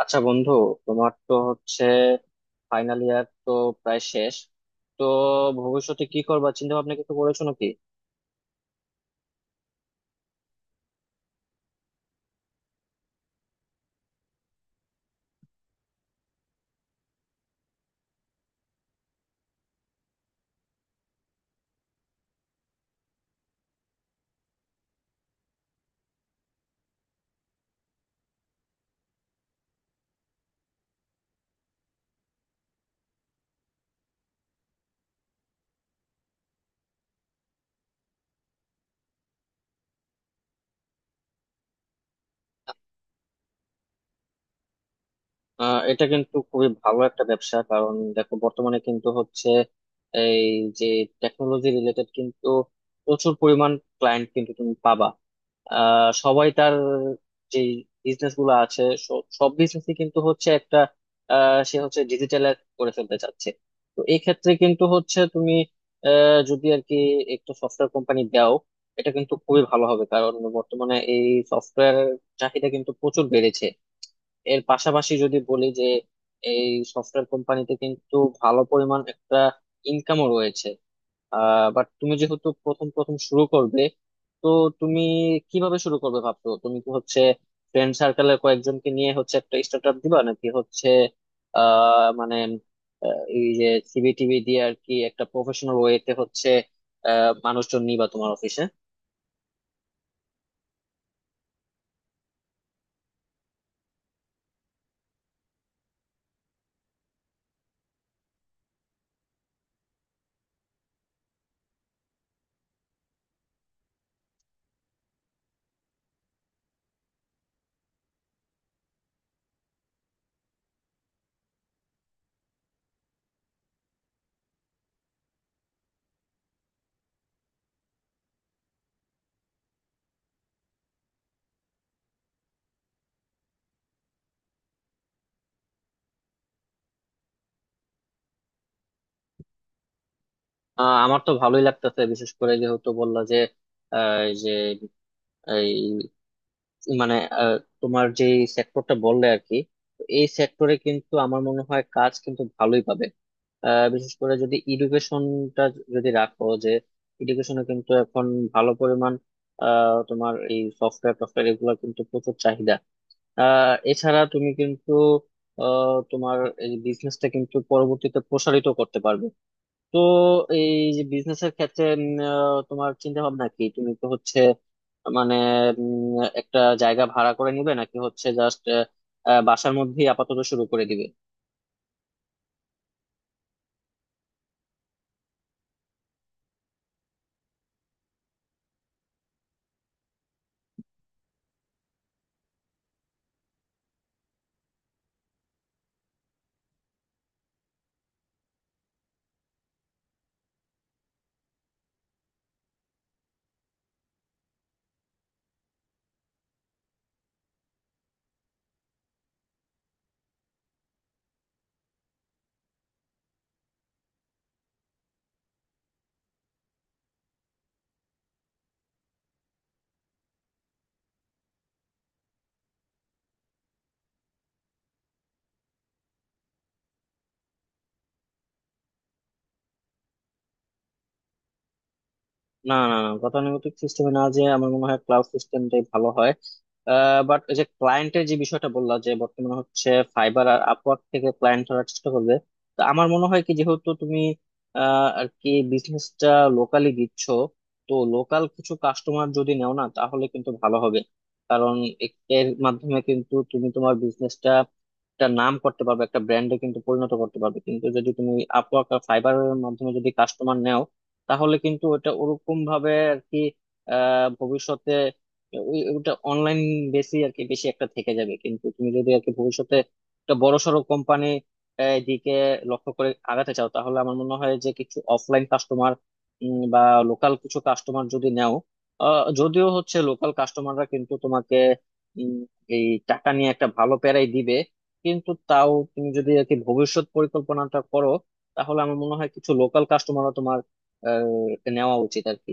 আচ্ছা বন্ধু, তোমার তো হচ্ছে ফাইনাল ইয়ার তো প্রায় শেষ। তো ভবিষ্যতে কি করবা, চিন্তা ভাবনা কিছু করেছো নাকি? এটা কিন্তু খুবই ভালো একটা ব্যবসা। কারণ দেখো, বর্তমানে কিন্তু হচ্ছে এই যে টেকনোলজি রিলেটেড, কিন্তু প্রচুর পরিমাণ ক্লায়েন্ট কিন্তু তুমি পাবা। সবাই তার যে বিজনেস গুলো আছে, সব বিজনেসই কিন্তু হচ্ছে একটা, সে হচ্ছে ডিজিটালাইজ করে ফেলতে চাচ্ছে। তো এই ক্ষেত্রে কিন্তু হচ্ছে তুমি যদি আর কি একটা সফটওয়্যার কোম্পানি দাও, এটা কিন্তু খুবই ভালো হবে। কারণ বর্তমানে এই সফটওয়্যার চাহিদা কিন্তু প্রচুর বেড়েছে। এর পাশাপাশি যদি বলি যে এই সফটওয়্যার কোম্পানিতে কিন্তু ভালো পরিমাণ একটা ইনকামও রয়েছে। বাট তুমি যেহেতু প্রথম প্রথম শুরু করবে, তো তুমি কিভাবে শুরু করবে ভাবছো? তুমি কি হচ্ছে ফ্রেন্ড সার্কেলের কয়েকজনকে নিয়ে হচ্ছে একটা স্টার্ট আপ দিবা, নাকি হচ্ছে মানে এই যে সিভি টিভি দিয়ে আর কি একটা প্রফেশনাল ওয়েতে হচ্ছে মানুষজন নিবা তোমার অফিসে? আমার তো ভালোই লাগতেছে, বিশেষ করে যেহেতু বললা যে এই যে মানে আহ, তোমার যে সেক্টরটা বললে আর কি। তো এই সেক্টরে কিন্তু আমার মনে হয় কাজ কিন্তু ভালোই পাবে। বিশেষ করে যদি এডুকেশনটা যদি রাখো, যে এডুকেশনে কিন্তু এখন ভালো পরিমাণ তোমার এই সফটওয়্যার টফটওয়্যার এগুলো কিন্তু প্রচুর চাহিদা। এছাড়া তুমি কিন্তু তোমার এই বিজনেসটা কিন্তু পরবর্তীতে প্রসারিত করতে পারবে। তো এই যে বিজনেসের ক্ষেত্রে তোমার চিন্তা ভাবনা কি? তুমি তো হচ্ছে মানে উম, একটা জায়গা ভাড়া করে নিবে, নাকি হচ্ছে জাস্ট বাসার মধ্যেই আপাতত শুরু করে দিবে? না না না, গতানুগতিক সিস্টেমে না, যে আমার মনে হয় ক্লাউড সিস্টেমটাই ভালো হয়। বাট যে ক্লায়েন্টের যে বিষয়টা বললা যে বর্তমানে হচ্ছে ফাইবার আর আপওয়ার্ক থেকে ক্লায়েন্ট ধরার চেষ্টা করবে, তো আমার মনে হয় কি, যেহেতু তুমি আর কি বিজনেসটা লোকালি দিচ্ছ, তো লোকাল কিছু কাস্টমার যদি নেও না, তাহলে কিন্তু ভালো হবে। কারণ এ- এর মাধ্যমে কিন্তু তুমি তোমার বিজনেসটা একটা নাম করতে পারবে, একটা ব্র্যান্ডে কিন্তু পরিণত করতে পারবে। কিন্তু যদি তুমি আপওয়ার্ক আর ফাইবারের মাধ্যমে যদি কাস্টমার নেও, তাহলে কিন্তু ওটা ওরকম ভাবে আর কি ভবিষ্যতে ওই ওটা অনলাইন বেশি আর কি বেশি একটা থেকে যাবে। কিন্তু তুমি যদি আর কি ভবিষ্যতে একটা বড়সড় কোম্পানি দিকে লক্ষ্য করে আগাতে চাও, তাহলে আমার মনে হয় যে কিছু অফলাইন কাস্টমার বা লোকাল কিছু কাস্টমার যদি নেও। যদিও হচ্ছে লোকাল কাস্টমাররা কিন্তু তোমাকে উম, এই টাকা নিয়ে একটা ভালো প্যারাই দিবে, কিন্তু তাও তুমি যদি আর কি ভবিষ্যৎ পরিকল্পনাটা করো, তাহলে আমার মনে হয় কিছু লোকাল কাস্টমারও তোমার নেওয়া উচিত আর কি।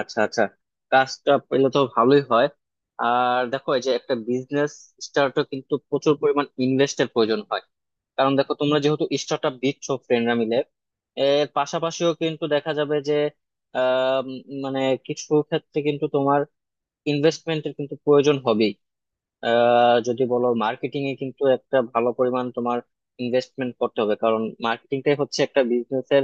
আচ্ছা আচ্ছা, কাজটা পেলে তো ভালোই হয়। আর দেখো, এই যে একটা বিজনেস স্টার্টও কিন্তু প্রচুর পরিমাণ ইনভেস্টের প্রয়োজন হয়। কারণ দেখো, তোমরা যেহেতু স্টার্ট আপ দিচ্ছ ফ্রেন্ডরা মিলে, এর পাশাপাশিও কিন্তু দেখা যাবে যে মানে কিছু ক্ষেত্রে কিন্তু তোমার ইনভেস্টমেন্টের কিন্তু প্রয়োজন হবে। যদি বলো মার্কেটিং এ কিন্তু একটা ভালো পরিমাণ তোমার ইনভেস্টমেন্ট করতে হবে, কারণ মার্কেটিংটাই হচ্ছে একটা বিজনেসের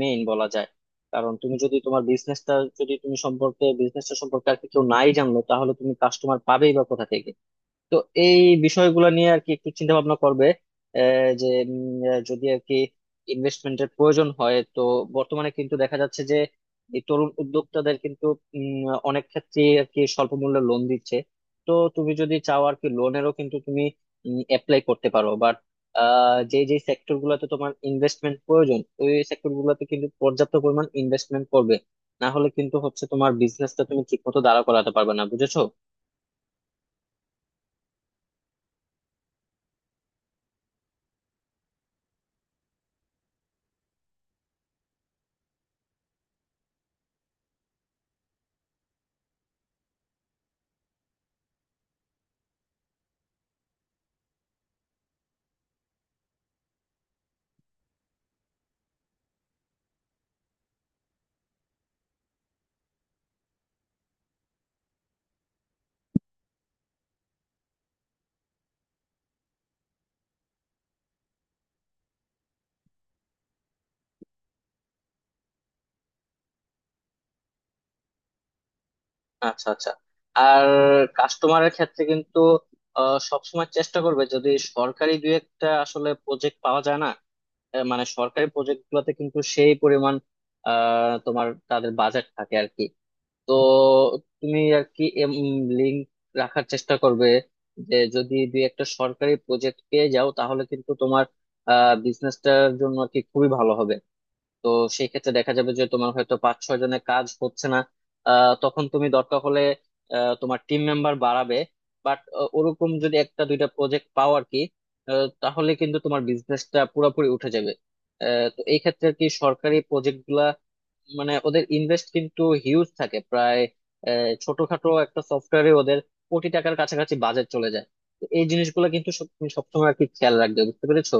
মেইন বলা যায়। কারণ তুমি যদি তোমার বিজনেসটা, যদি তুমি সম্পর্কে বিজনেসটা সম্পর্কে আর কি কেউ নাই জানলো, তাহলে তুমি কাস্টমার পাবেই বা কোথা থেকে? তো এই বিষয়গুলো নিয়ে আর কি একটু চিন্তা ভাবনা করবে। যে যদি আর কি ইনভেস্টমেন্টের প্রয়োজন হয়, তো বর্তমানে কিন্তু দেখা যাচ্ছে যে এই তরুণ উদ্যোক্তাদের কিন্তু অনেক ক্ষেত্রে আর কি স্বল্প মূল্যে লোন দিচ্ছে। তো তুমি যদি চাও আর কি, লোনেরও কিন্তু তুমি অ্যাপ্লাই করতে পারো। বাট যে যে সেক্টর গুলোতে তোমার ইনভেস্টমেন্ট প্রয়োজন, ওই সেক্টর গুলোতে কিন্তু পর্যাপ্ত পরিমাণ ইনভেস্টমেন্ট করবে। না হলে কিন্তু হচ্ছে তোমার বিজনেসটা তুমি ঠিক মতো দাঁড়া করাতে পারবে না, বুঝেছো? আচ্ছা আচ্ছা। আর কাস্টমারের ক্ষেত্রে কিন্তু সবসময় চেষ্টা করবে যদি সরকারি দুই একটা আসলে প্রজেক্ট পাওয়া যায় না। মানে সরকারি প্রজেক্ট গুলোতে কিন্তু সেই পরিমাণ তোমার তাদের বাজেট থাকে আর কি। তো তুমি আর কি লিঙ্ক রাখার চেষ্টা করবে, যে যদি দুই একটা সরকারি প্রজেক্ট পেয়ে যাও, তাহলে কিন্তু তোমার বিজনেসটার জন্য আর কি খুবই ভালো হবে। তো সেই ক্ষেত্রে দেখা যাবে যে তোমার হয়তো পাঁচ ছয় জনের কাজ হচ্ছে না। তখন তুমি দরকার হলে তোমার টিম মেম্বার বাড়াবে। বাট ওরকম যদি একটা দুইটা প্রজেক্ট পাও আর কি, তাহলে কিন্তু তোমার বিজনেসটা পুরোপুরি উঠে যাবে। তো এই ক্ষেত্রে আর কি সরকারি প্রজেক্ট গুলা মানে ওদের ইনভেস্ট কিন্তু হিউজ থাকে প্রায়। ছোটখাটো একটা সফটওয়্যারে ওদের কোটি টাকার কাছাকাছি বাজেট চলে যায়। তো এই জিনিসগুলো কিন্তু তুমি সবসময় আর কি খেয়াল রাখবে, বুঝতে পেরেছো?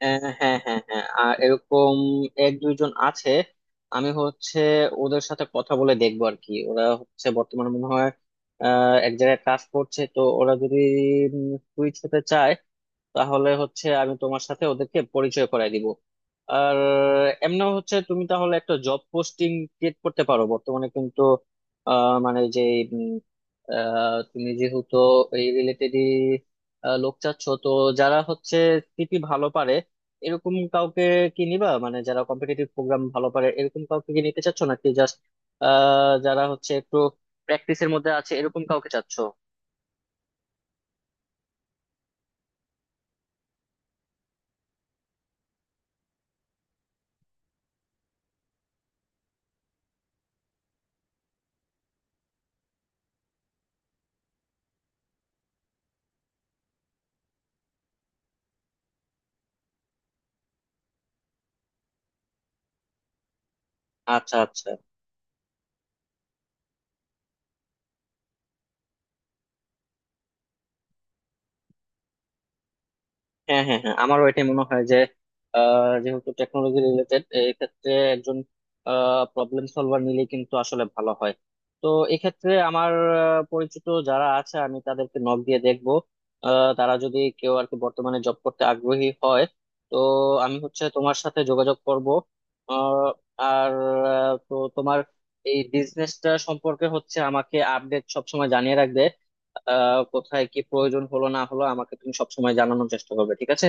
হ্যাঁ হ্যাঁ হ্যাঁ হ্যাঁ, আর এরকম এক দুইজন আছে। আমি হচ্ছে ওদের সাথে কথা বলে দেখবো আর কি। ওরা হচ্ছে বর্তমানে মনে হয় এক জায়গায় কাজ করছে। তো ওরা যদি সুইচ হতে চায়, তাহলে হচ্ছে আমি তোমার সাথে ওদেরকে পরিচয় করায় দিব। আর এমনি হচ্ছে তুমি তাহলে একটা জব পোস্টিং ক্রিয়েট করতে পারো। বর্তমানে কিন্তু মানে যে উম, তুমি যেহেতু এই রিলেটেডই লোক চাচ্ছ, তো যারা হচ্ছে সিটি ভালো পারে এরকম কাউকে কি নিবা? মানে যারা কম্পিটিটিভ প্রোগ্রাম ভালো পারে এরকম কাউকে কি নিতে চাচ্ছ, নাকি জাস্ট যারা হচ্ছে একটু প্র্যাকটিসের মধ্যে আছে এরকম কাউকে চাচ্ছ? আচ্ছা আচ্ছা। হ্যাঁ হ্যাঁ হ্যাঁ, আমারও এটাই মনে হয় যে যেহেতু টেকনোলজি রিলেটেড, এই ক্ষেত্রে একজন প্রবলেম সলভার নিলে কিন্তু আসলে ভালো হয়। তো এক্ষেত্রে আমার পরিচিত যারা আছে আমি তাদেরকে নক দিয়ে দেখবো। তারা যদি কেউ আর কি বর্তমানে জব করতে আগ্রহী হয়, তো আমি হচ্ছে তোমার সাথে যোগাযোগ করব। আহ, আর তো তোমার এই বিজনেসটা সম্পর্কে হচ্ছে আমাকে আপডেট সবসময় জানিয়ে রাখবে। কোথায় কি প্রয়োজন হলো না হলো আমাকে তুমি সবসময় জানানোর চেষ্টা করবে, ঠিক আছে?